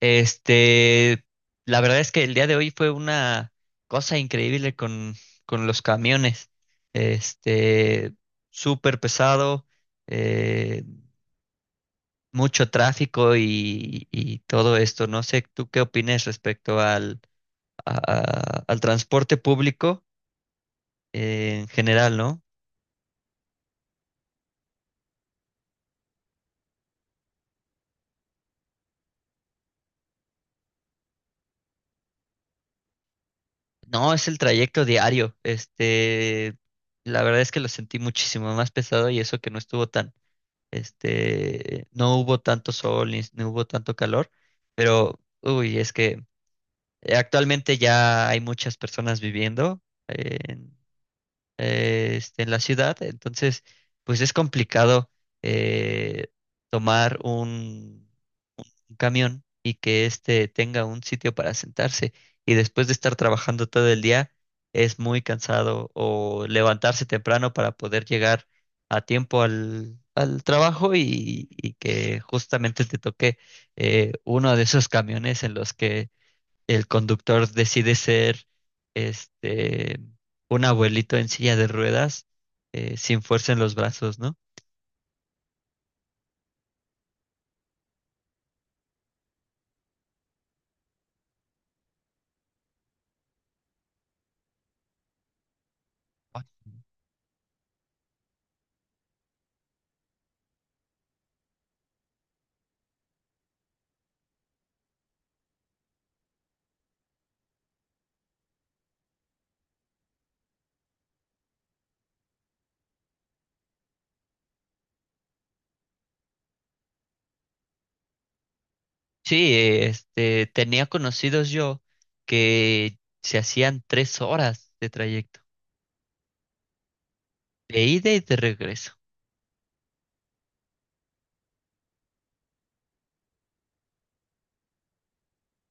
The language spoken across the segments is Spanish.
Este, la verdad es que el día de hoy fue una cosa increíble con los camiones. Este, Súper pesado, eh, mucho tráfico y todo esto. No sé, ¿tú qué opinas respecto a- al transporte público en general? ¿No? No, es el trayecto diario. La verdad es que lo sentí muchísimo más pesado y eso que no estuvo tan. No hubo tanto sol ni, no hubo tanto calor, pero uy, es que actualmente ya hay muchas personas viviendo en, en la ciudad, entonces pues es complicado eh, tomar un camión y que éste tenga un sitio para sentarse. Y después de estar trabajando todo el día, es muy cansado o levantarse temprano para poder llegar a tiempo al trabajo y que justamente te toque uno de esos camiones en los que el conductor decide ser este un abuelito en silla de ruedas, sin fuerza en los brazos, ¿no? Sí, tenía conocidos yo que se hacían 3 horas de trayecto, de ida y de regreso.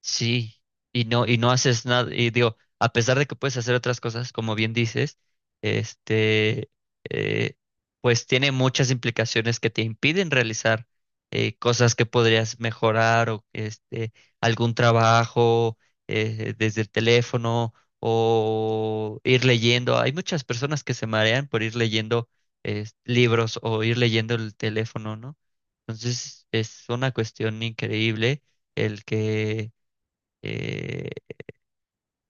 Sí, y no haces nada, y digo, a pesar de que puedes hacer otras cosas, como bien dices. este, eh, pues tiene muchas implicaciones que te impiden realizar cosas que podrías mejorar, o algún trabajo desde el teléfono o ir leyendo. Hay muchas personas que se marean por ir leyendo libros o ir leyendo el teléfono, ¿no? Entonces es una cuestión increíble el que eh,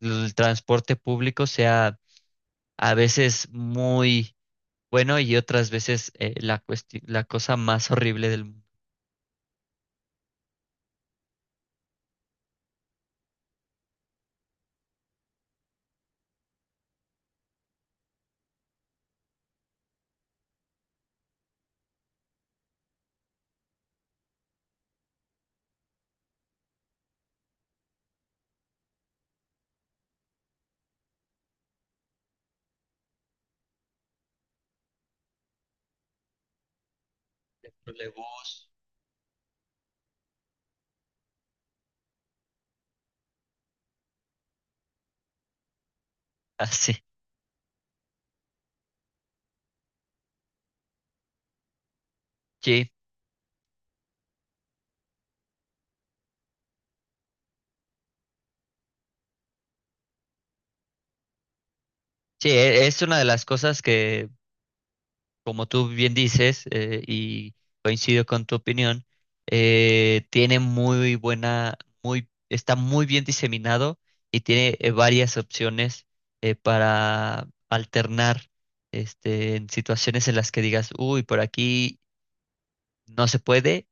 el transporte público sea a veces muy bueno y otras veces, la cosa más horrible del mundo. Trolebús. Así. Sí, sí, es una de las cosas que, como tú bien dices, y coincido con tu opinión. Tiene muy está muy bien diseminado y tiene varias opciones para alternar, en situaciones en las que digas: uy, por aquí no se puede,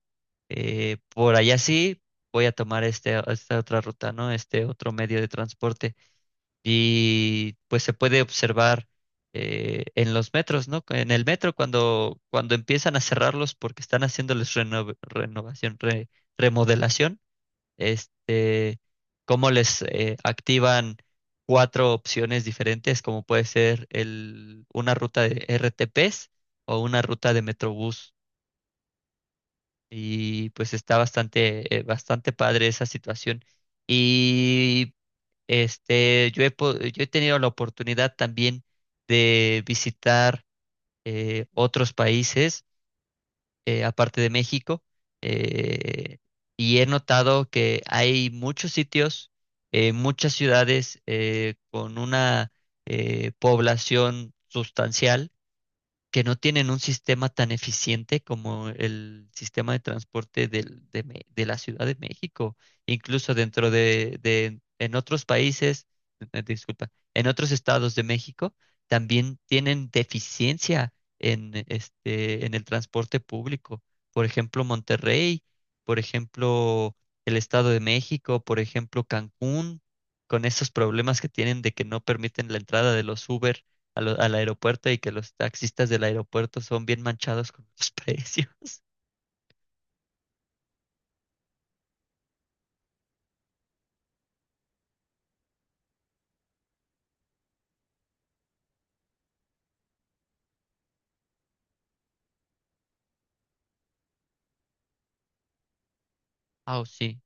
por allá sí, voy a tomar esta otra ruta, ¿no? Este otro medio de transporte. Y pues se puede observar en los metros, ¿no? En el metro cuando empiezan a cerrarlos porque están haciéndoles renovación, remodelación, este, cómo les activan cuatro opciones diferentes, como puede ser una ruta de R T RTPs o una ruta de Metrobús. Y pues está bastante padre esa situación. Y yo he tenido la oportunidad también de visitar otros países, aparte de México. eh, y he notado que hay muchos sitios, muchas ciudades con una población sustancial que no tienen un sistema tan eficiente como el sistema de transporte de la Ciudad de México. Incluso en otros países, disculpa, en otros estados de México también tienen deficiencia en el transporte público. Por ejemplo, Monterrey. Por ejemplo, el Estado de México. Por ejemplo, Cancún, con esos problemas que tienen de que no permiten la entrada de los Uber al aeropuerto y que los taxistas del aeropuerto son bien manchados con los precios. Ah, sí,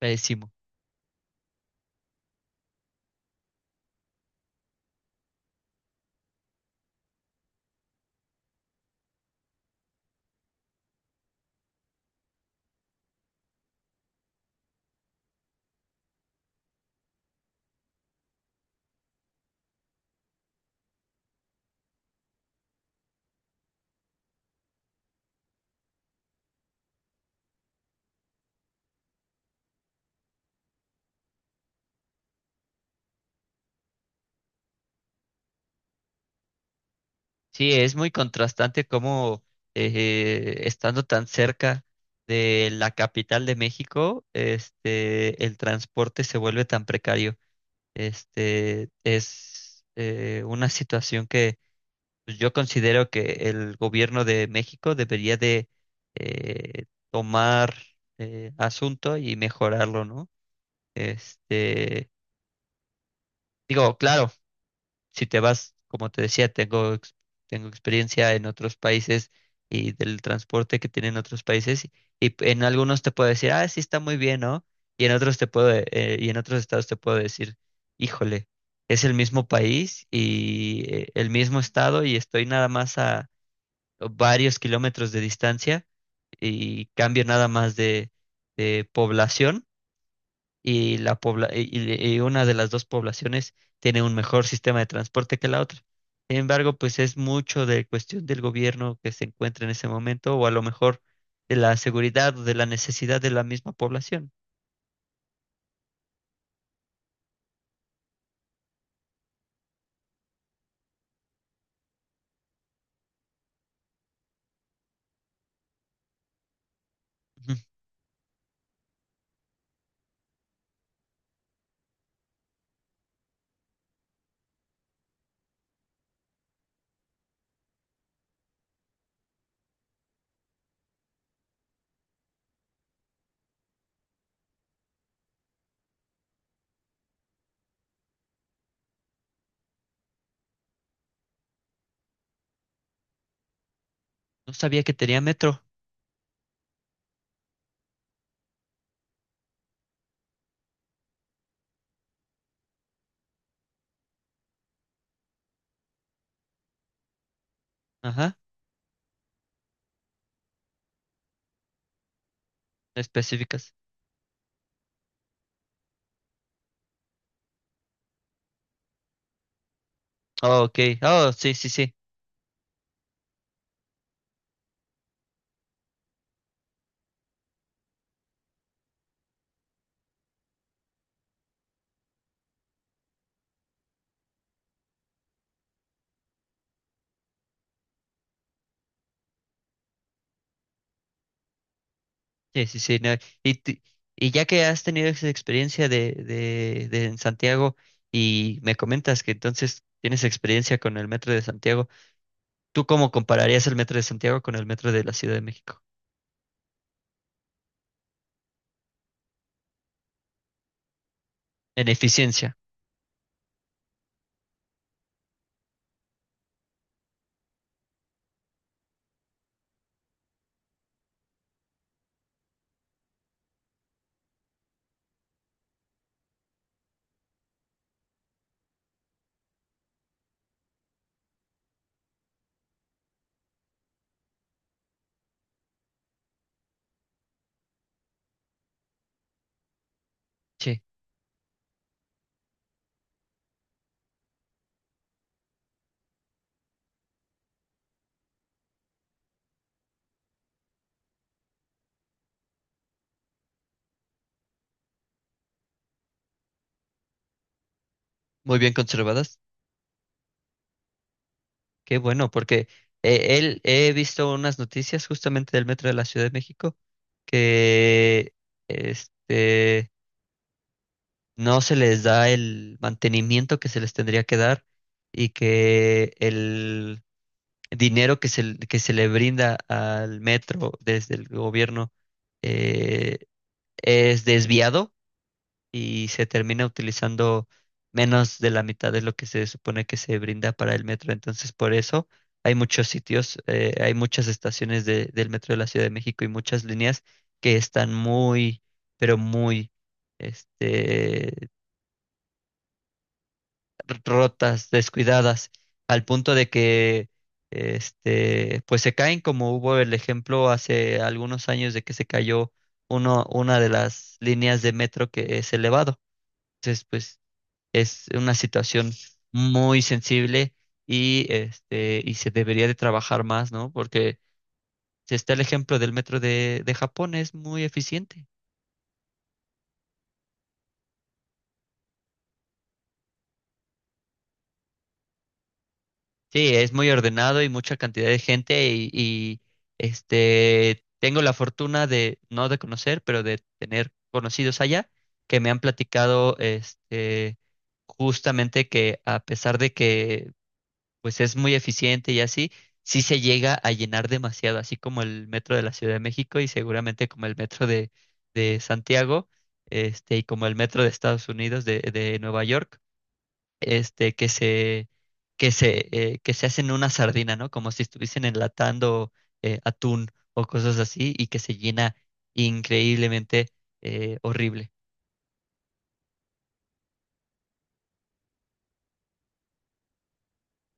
pésimo. Sí, es muy contrastante cómo, estando tan cerca de la capital de México, el transporte se vuelve tan precario. Es una situación que, pues, yo considero que el gobierno de México debería de eh, tomar asunto y mejorarlo, ¿no? Este, Digo, claro, si te vas, como te decía, tengo experiencia en otros países y del transporte que tienen otros países, y en algunos te puedo decir: ah, sí está muy bien, ¿no? Y en otros estados te puedo decir: híjole, es el mismo país y, el mismo estado, y estoy nada más a varios kilómetros de distancia y cambio nada más de población. Y la pobla y- Una de las dos poblaciones tiene un mejor sistema de transporte que la otra. Sin embargo, pues es mucho de cuestión del gobierno que se encuentra en ese momento, o a lo mejor de la seguridad, o de la necesidad de la misma población. Ujú. No sabía que tenía metro. Ajá, específicas. Oh, ok. Oh, sí, sí, sí. Sí, sí, sí. No. Y, ti- y ya que has tenido esa experiencia de en Santiago y me comentas que entonces tienes experiencia con el metro de Santiago, ¿tú cómo compararías el metro de Santiago con el metro de la Ciudad de México? En eficiencia, sí, muy bien conservadas. Qué bueno, porque, él he visto unas noticias justamente del metro de la Ciudad de México que, este no se les da el mantenimiento que se les tendría que dar, y que el dinero que se le brinda al metro desde el gobierno, eh, es desviado y se termina utilizando menos de la mitad de lo que se supone que se brinda para el metro. Entonces, por eso hay muchas estaciones del metro de la Ciudad de México y muchas líneas que están muy, pero muy, este, rotas, descuidadas, al punto de que, pues se caen, como hubo el ejemplo hace algunos años de que se cayó una de las líneas de metro que es elevado. Entonces, pues es una situación muy sensible, y se debería de trabajar más, ¿no? Porque si está el ejemplo del metro de Japón, es muy eficiente. Sí, es muy ordenado y mucha cantidad de gente y tengo la fortuna de, no de conocer, pero de tener conocidos allá que me han platicado, justamente que, a pesar de que pues es muy eficiente y así, sí se llega a llenar demasiado, así como el metro de la Ciudad de México, y seguramente como el metro de Santiago, y como el metro de Estados Unidos, de Nueva York, este, que se, que se hacen una sardina, ¿no? Como si estuviesen enlatando, atún o cosas así, y que se llena increíblemente, horrible.